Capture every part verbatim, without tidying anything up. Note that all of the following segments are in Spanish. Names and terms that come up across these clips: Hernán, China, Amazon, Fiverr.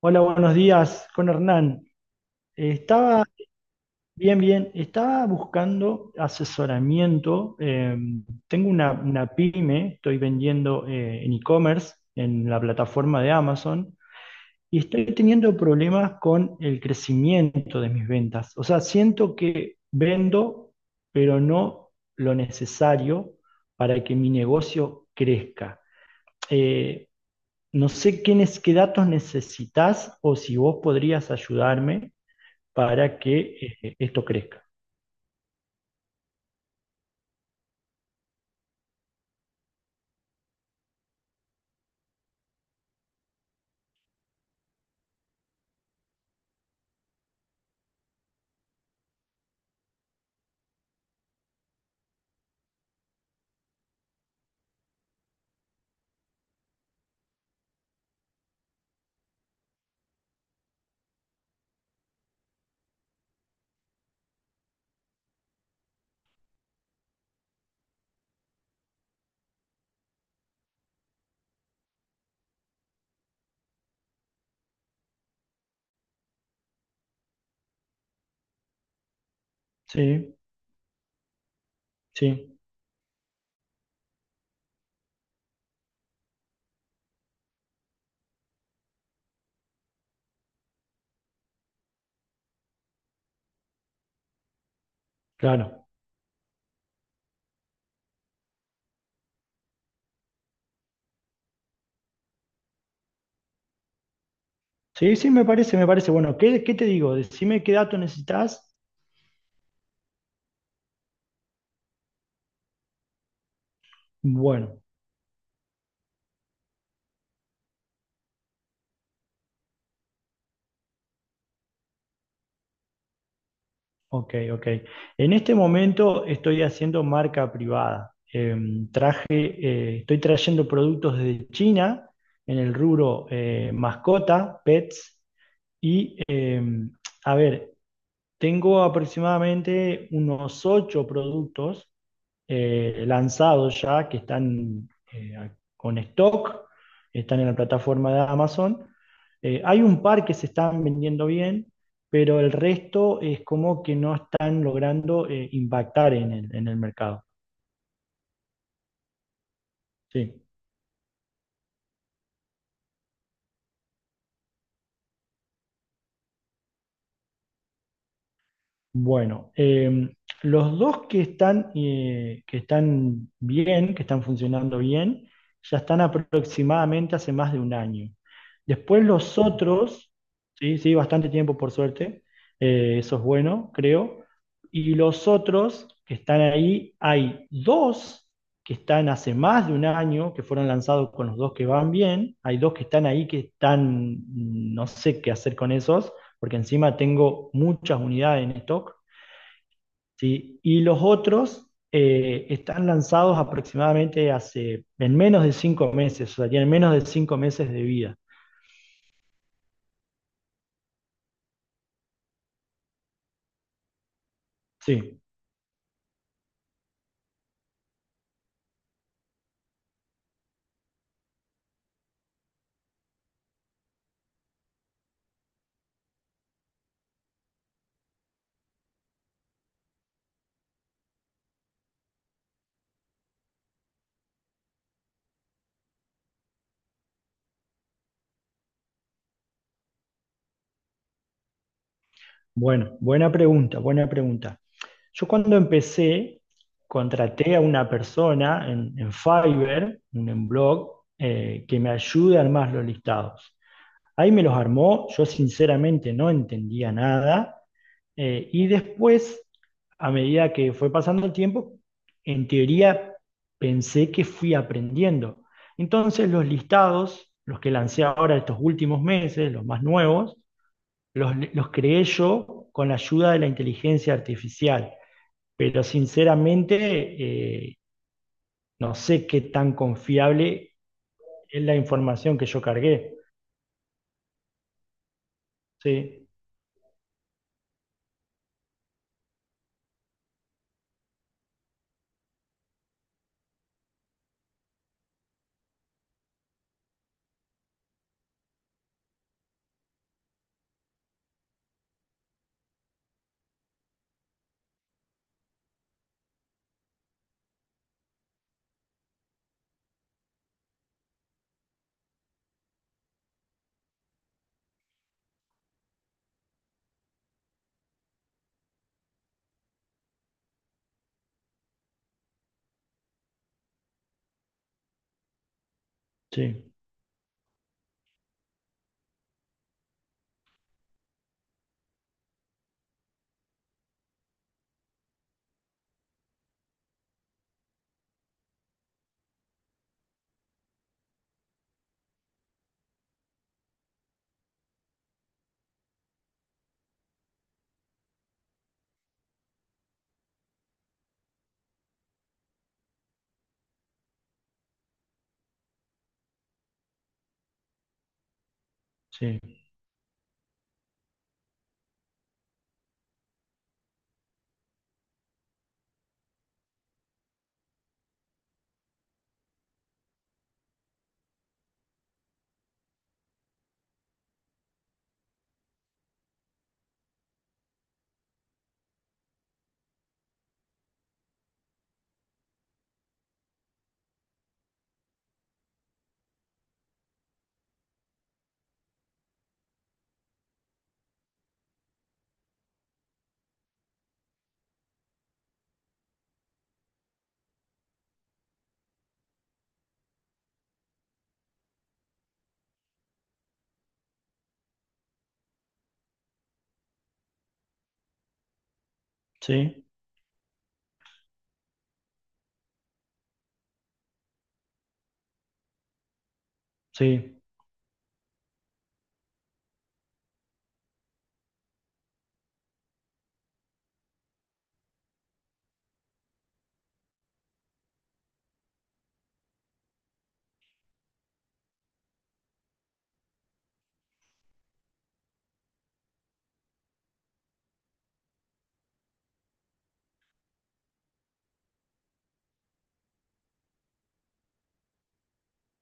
Hola, buenos días con Hernán. Eh, estaba bien, bien, estaba buscando asesoramiento. Eh, tengo una, una pyme, estoy vendiendo eh, en e-commerce, en la plataforma de Amazon, y estoy teniendo problemas con el crecimiento de mis ventas. O sea, siento que vendo, pero no lo necesario para que mi negocio crezca. Eh, no sé qué, es qué datos necesitas o si vos podrías ayudarme para que eh, esto crezca. Sí, sí, claro. Sí, sí, me parece, me parece. Bueno, ¿qué, qué te digo? Decime qué dato necesitas. Bueno, ok, ok. En este momento estoy haciendo marca privada. Em, traje, eh, estoy trayendo productos de China en el rubro eh, mascota, pets, y em, a ver, tengo aproximadamente unos ocho productos eh, lanzados ya, que están eh, con stock, están en la plataforma de Amazon. Eh, hay un par que se están vendiendo bien, pero el resto es como que no están logrando eh, impactar en el, en el mercado. Sí. Bueno, eh, los dos que están, eh, que están bien, que están funcionando bien, ya están aproximadamente hace más de un año. Después los otros, sí, sí, bastante tiempo por suerte, eh, eso es bueno, creo. Y los otros que están ahí, hay dos que están hace más de un año, que fueron lanzados con los dos que van bien, hay dos que están ahí que están, no sé qué hacer con esos porque encima tengo muchas unidades en stock, ¿sí? Y los otros eh, están lanzados aproximadamente hace, en menos de cinco meses, o sea, tienen menos de cinco meses de vida. Sí, bueno, buena pregunta, buena pregunta. Yo cuando empecé, contraté a una persona en, en Fiverr, un en blog, eh, que me ayude a armar los listados. Ahí me los armó, yo sinceramente no entendía nada. Eh, y después, a medida que fue pasando el tiempo, en teoría pensé que fui aprendiendo. Entonces los listados, los que lancé ahora estos últimos meses, los más nuevos, los, los creé yo con la ayuda de la inteligencia artificial. Pero sinceramente, eh, no sé qué tan confiable es la información que yo cargué. Sí, sí, sí, sí, sí,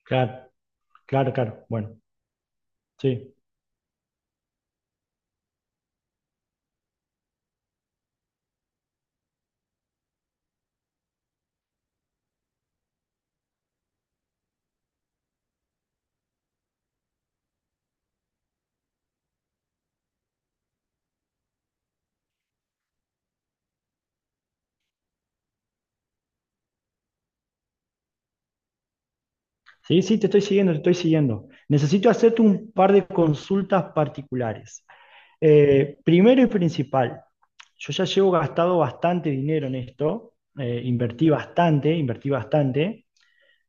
claro, claro, claro. Bueno, sí. Sí, sí, te estoy siguiendo, te estoy siguiendo. Necesito hacerte un par de consultas particulares. Eh, primero y principal, yo ya llevo gastado bastante dinero en esto, eh, invertí bastante, invertí bastante.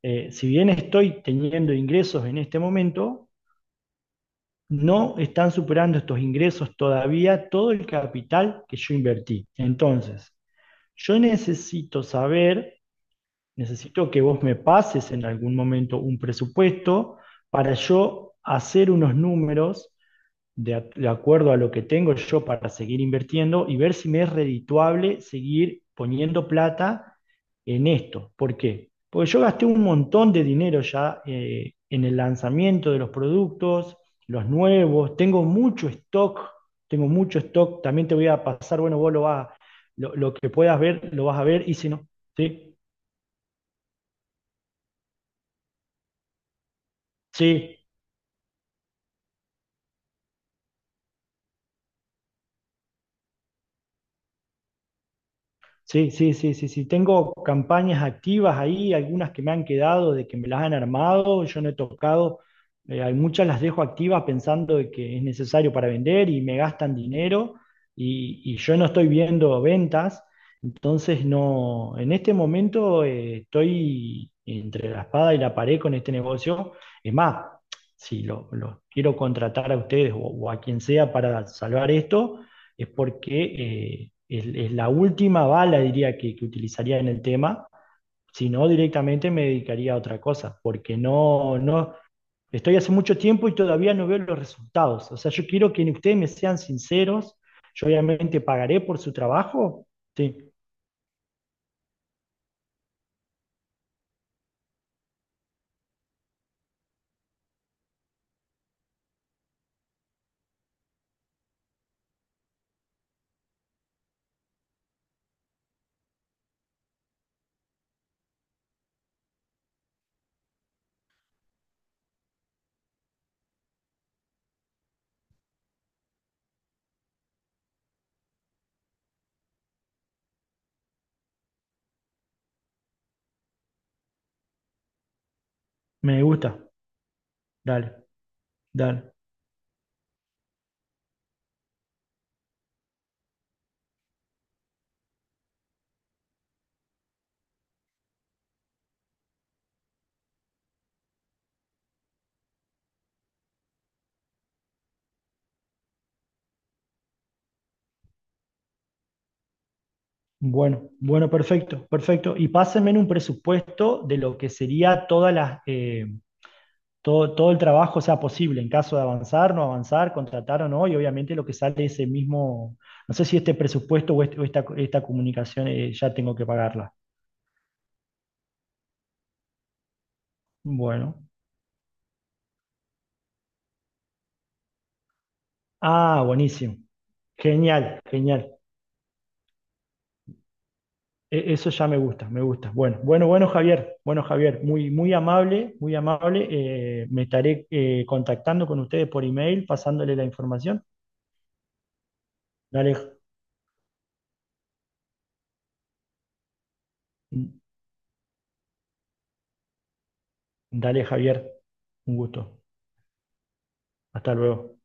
Eh, si bien estoy teniendo ingresos en este momento, no están superando estos ingresos todavía todo el capital que yo invertí. Entonces, yo necesito saber. Necesito que vos me pases en algún momento un presupuesto para yo hacer unos números de, a- de acuerdo a lo que tengo yo para seguir invirtiendo y ver si me es redituable seguir poniendo plata en esto. ¿Por qué? Porque yo gasté un montón de dinero ya eh, en el lanzamiento de los productos, los nuevos, tengo mucho stock, tengo mucho stock, también te voy a pasar, bueno, vos lo vas, lo, lo que puedas ver, lo vas a ver y si no, ¿sí? Sí, sí, sí, sí, sí, sí. Tengo campañas activas ahí, algunas que me han quedado de que me las han armado, yo no he tocado, eh, hay muchas las dejo activas pensando de que es necesario para vender y me gastan dinero y, y yo no estoy viendo ventas, entonces no, en este momento eh, estoy entre la espada y la pared con este negocio. Es más, si lo, lo quiero contratar a ustedes o o a quien sea para salvar esto es porque eh, es, es la última bala, diría, que, que utilizaría en el tema, si no directamente me dedicaría a otra cosa, porque no, no, estoy hace mucho tiempo y todavía no veo los resultados. O sea, yo quiero que ustedes me sean sinceros, yo obviamente pagaré por su trabajo, sí, me gusta, dale, dale. Bueno, bueno, perfecto, perfecto. Y pásenme un presupuesto de lo que sería todas las... eh, Todo, todo el trabajo sea posible en caso de avanzar, no avanzar, contratar o no, y obviamente lo que sale ese mismo, no sé si este presupuesto o, este- o esta, esta comunicación eh, ya tengo que pagarla. Bueno. Ah, buenísimo. Genial, genial. E- Eso ya me gusta, me gusta. Bueno, bueno, bueno, Javier. Bueno, Javier, muy, muy amable, muy amable. Eh, me estaré eh, contactando con ustedes por email, pasándole la información. Dale, dale, Javier. Un gusto. Hasta luego.